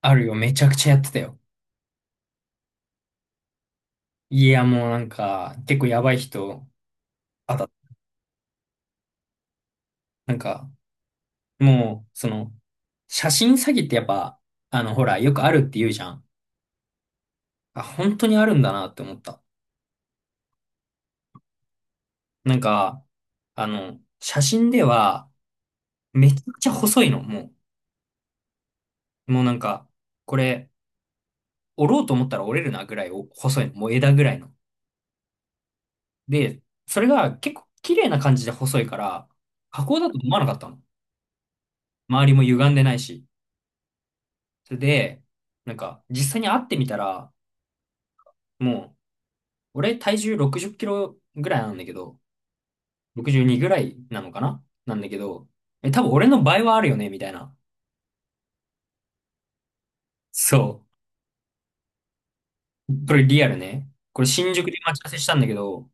あるよ。めちゃくちゃやってたよ。いや、もうなんか、結構やばい人、あた、なんか、もう、その、写真詐欺ってやっぱ、あの、ほら、よくあるって言うじゃん。あ、本当にあるんだなって思った。なんか、あの、写真では、めちゃくちゃ細いの、もう。もうなんか、これ、折ろうと思ったら折れるなぐらいお細いの。もう枝ぐらいの。で、それが結構綺麗な感じで細いから、加工だと思わなかったの。周りも歪んでないし。それで、なんか、実際に会ってみたら、もう、俺体重60キロぐらいなんだけど、62ぐらいなのかななんだけど、え、多分俺の倍はあるよね、みたいな。そう。これリアルね。これ新宿で待ち合わせしたんだけど、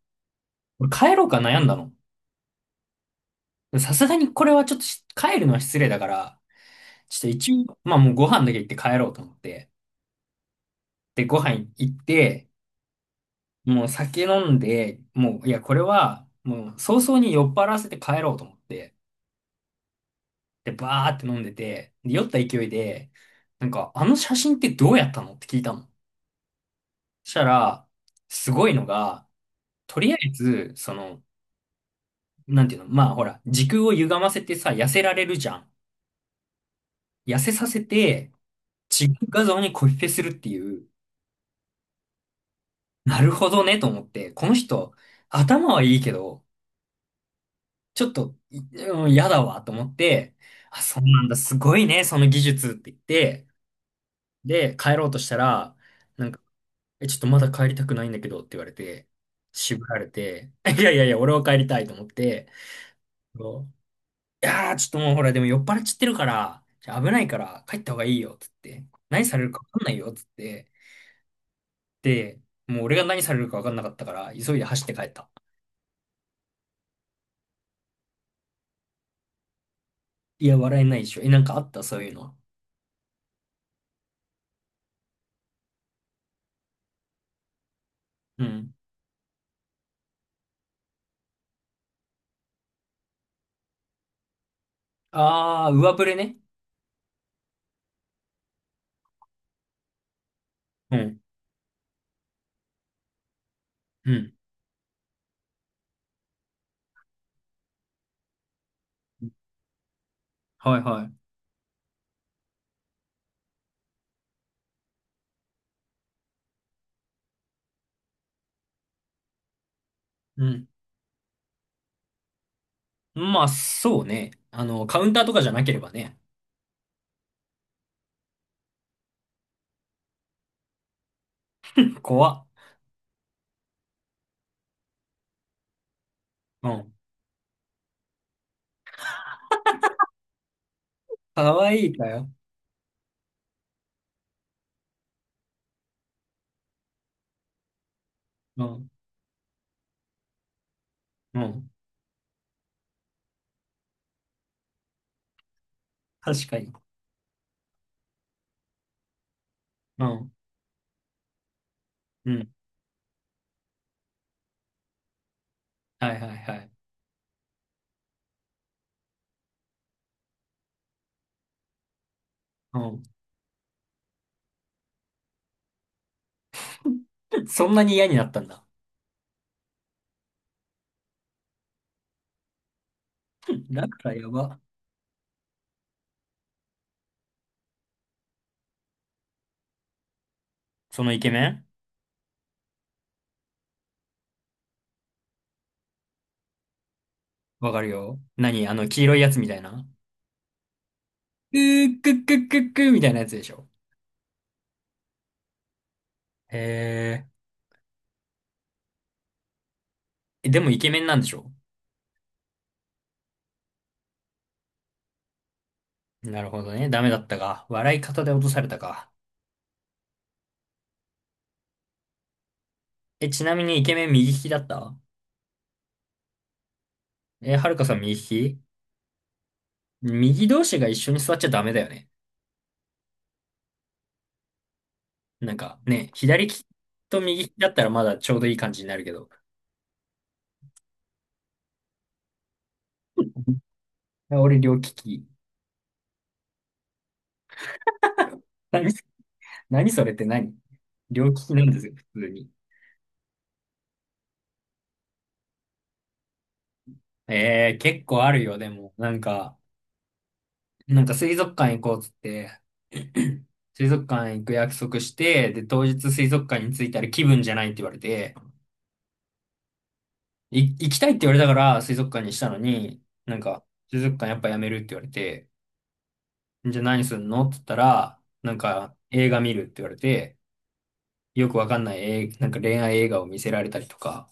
俺帰ろうか悩んだの。さすがにこれはちょっと帰るのは失礼だから、ちょっと一応、まあもうご飯だけ行って帰ろうと思って。で、ご飯行って、もう酒飲んで、もう、いや、これは、もう早々に酔っ払わせて帰ろうと思って。で、バーって飲んでて、で、酔った勢いで、なんか、あの写真ってどうやったのって聞いたの。そしたら、すごいのが、とりあえず、その、なんていうの、まあほら、時空を歪ませてさ、痩せられるじゃん。痩せさせて、違う画像にコピペするっていう、なるほどね、と思って、この人、頭はいいけど、ちょっと、うん、嫌だわ、と思って、あ、そうなんだ、すごいね、その技術って言って、で、帰ろうとしたら、なんかちょっとまだ帰りたくないんだけどって言われて、渋られて、いやいやいや、俺は帰りたいと思って、そういやー、ちょっともうほら、でも酔っ払っちゃってるから、じゃあ危ないから帰った方がいいよ、つって。何されるか分かんないよ、つって。で、もう俺が何されるか分かんなかったから、急いで走って帰った。いや、笑えないでしょ。え、なんかあったそういうのは。うん。あー、上振れね。うん。うん。はいはい。うん。まあ、そうね。あの、カウンターとかじゃなければね。怖っ。うん。かわいいかよ。うん。うん。確かに。うん。うん。はいはいはい。うん。そんなに嫌になったんだ。だからやば。そのイケメンわかるよ。何あの黄色いやつみたいな。くーくっくっくっくーみたいなやつでしょ。へーえ。でもイケメンなんでしょ？なるほどね。ダメだったか。笑い方で落とされたか。え、ちなみにイケメン右利きだった？え、はるかさん右利き？右同士が一緒に座っちゃダメだよね。なんかね、左利きと右利きだったらまだちょうどいい感じになるけど。俺両利き。何それって何？両利きなんですよ、普通に。ええ、結構あるよ、でも。なんか、なんか水族館行こうっつって、水族館行く約束して、で、当日水族館に着いたら気分じゃないって言われて、い行きたいって言われたから水族館にしたのに、なんか、水族館やっぱやめるって言われて、じゃあ何すんのって言ったら、なんか映画見るって言われて、よくわかんないなんか恋愛映画を見せられたりとか。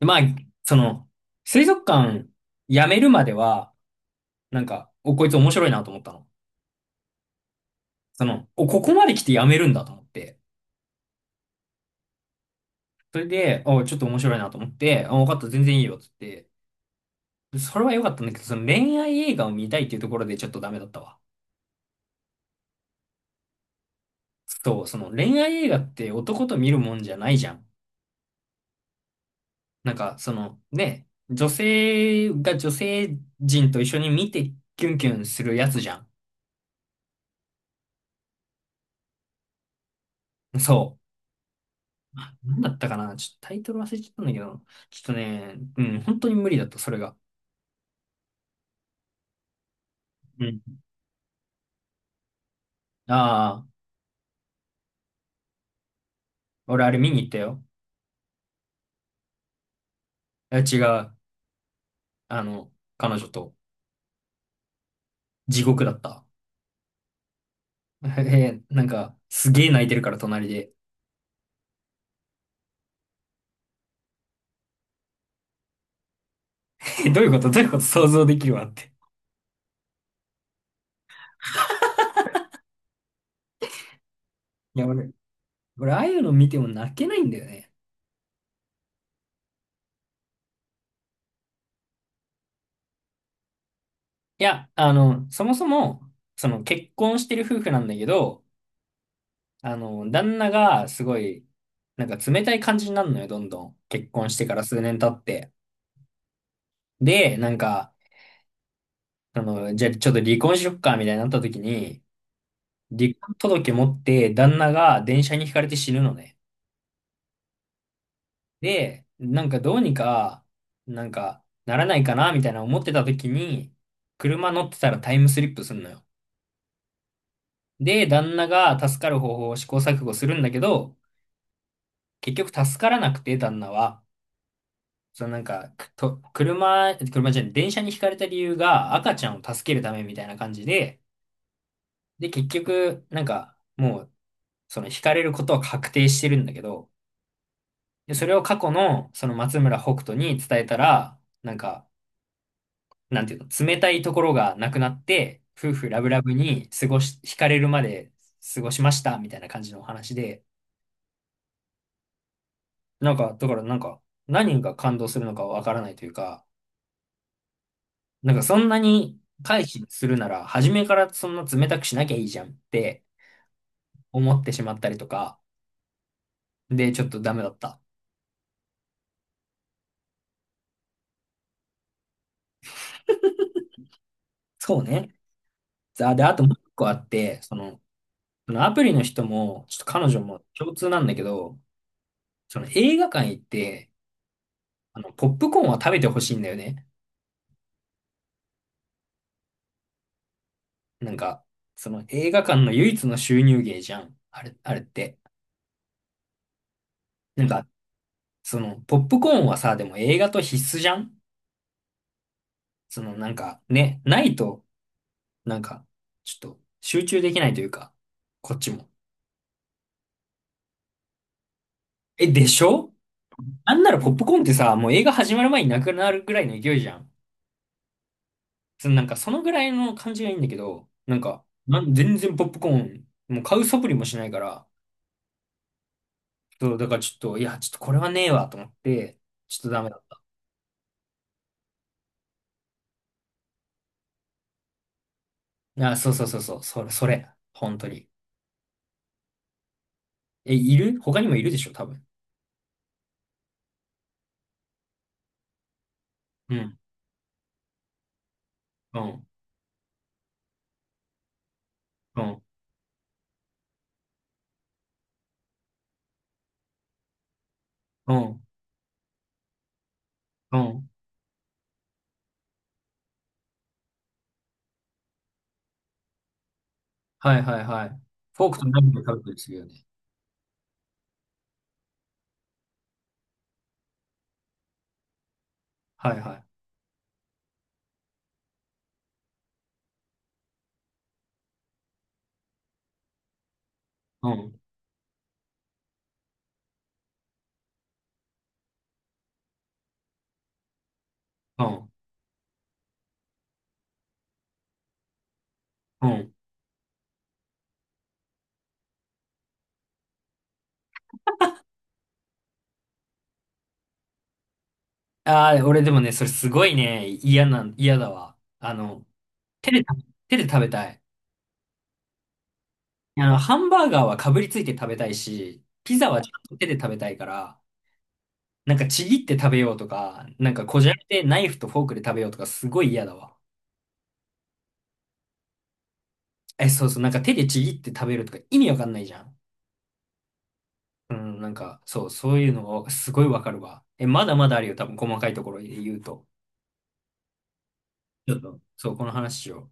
でまあ、その、水族館やめるまでは、なんか、お、こいつ面白いなと思ったの。その、お、ここまで来てやめるんだと思って。それで、お、ちょっと面白いなと思って、あ、分かった、全然いいよ、つって。でそれは良かったんだけど、その恋愛映画を見たいっていうところでちょっとダメだったわ。そう、その恋愛映画って男と見るもんじゃないじゃん。なんか、その、ね、女性が女性人と一緒に見てキュンキュンするやつじゃん。そう。なんだったかなちょっとタイトル忘れちゃったんだけど、ちょっとね、うん、本当に無理だった、それが。うん。ああ、俺あれ見に行ったよ。え違う。あの、彼女と地獄だった。えなんか、すげえ泣いてるから隣で。えどういうこと？どういうこと想像できるわって。いや、俺、俺、ああいうの見ても泣けないんだよね。いや、あの、そもそも、その結婚してる夫婦なんだけど、あの、旦那がすごい、なんか冷たい感じになるのよ、どんどん。結婚してから数年経って。で、なんか、あの、じゃあちょっと離婚しよっか、みたいになった時に、離婚届持って旦那が電車にひかれて死ぬのね。で、なんかどうにか、なんかならないかな、みたいな思ってた時に、車乗ってたらタイムスリップすんのよ。で、旦那が助かる方法を試行錯誤するんだけど、結局助からなくて、旦那は。そのなんか、車、車じゃない、電車にひかれた理由が赤ちゃんを助けるためみたいな感じで、で、結局、なんか、もう、そのひかれることは確定してるんだけど、で、それを過去の、その松村北斗に伝えたら、なんか、なんていうの、冷たいところがなくなって、夫婦ラブラブに過ごし、惹かれるまで過ごしました、みたいな感じのお話で、なんか、だからなんか、何が感動するのかわからないというか、なんかそんなに回避するなら、初めからそんな冷たくしなきゃいいじゃんって思ってしまったりとか、で、ちょっとダメだった。そうね。あ、で、あともう一個あって、その、そのアプリの人も、ちょっと彼女も共通なんだけど、その映画館行って、あの、ポップコーンは食べてほしいんだよね。なんか、その映画館の唯一の収入源じゃん。あれ、あれって。なんか、その、ポップコーンはさ、でも映画と必須じゃん？その、なんか、ね、ないと、なんか、ちょっと、集中できないというか、こっちも。え、でしょ？なんならポップコーンってさ、もう映画始まる前になくなるぐらいの勢いじゃん。その、なんか、そのぐらいの感じがいいんだけど、なんか、全然ポップコーン、もう買う素振りもしないから、そう、だからちょっと、いや、ちょっとこれはねえわ、と思って、ちょっとダメだ。あ、そうそうそうそう、それ、それ、本当に。え、いる？他にもいるでしょ、多分。うん、うん、うん、うん、うん。はいはいはい。フォークとナイフで食べたりするよね。はいはい。うん、うん、うん。ああ、俺でもね、それすごいね、嫌なん、嫌だわ。あの、手で食べ、手で食べたい。あの、ハンバーガーはかぶりついて食べたいし、ピザはちゃんと手で食べたいから、なんかちぎって食べようとか、なんかこじゃれてナイフとフォークで食べようとか、すごい嫌だわ。え、そうそう、なんか手でちぎって食べるとか意味わかんないじゃん。うん、なんか、そう、そういうのがすごいわかるわ。え、まだまだあるよ、多分細かいところで言うと。ちょっと、そう、この話を。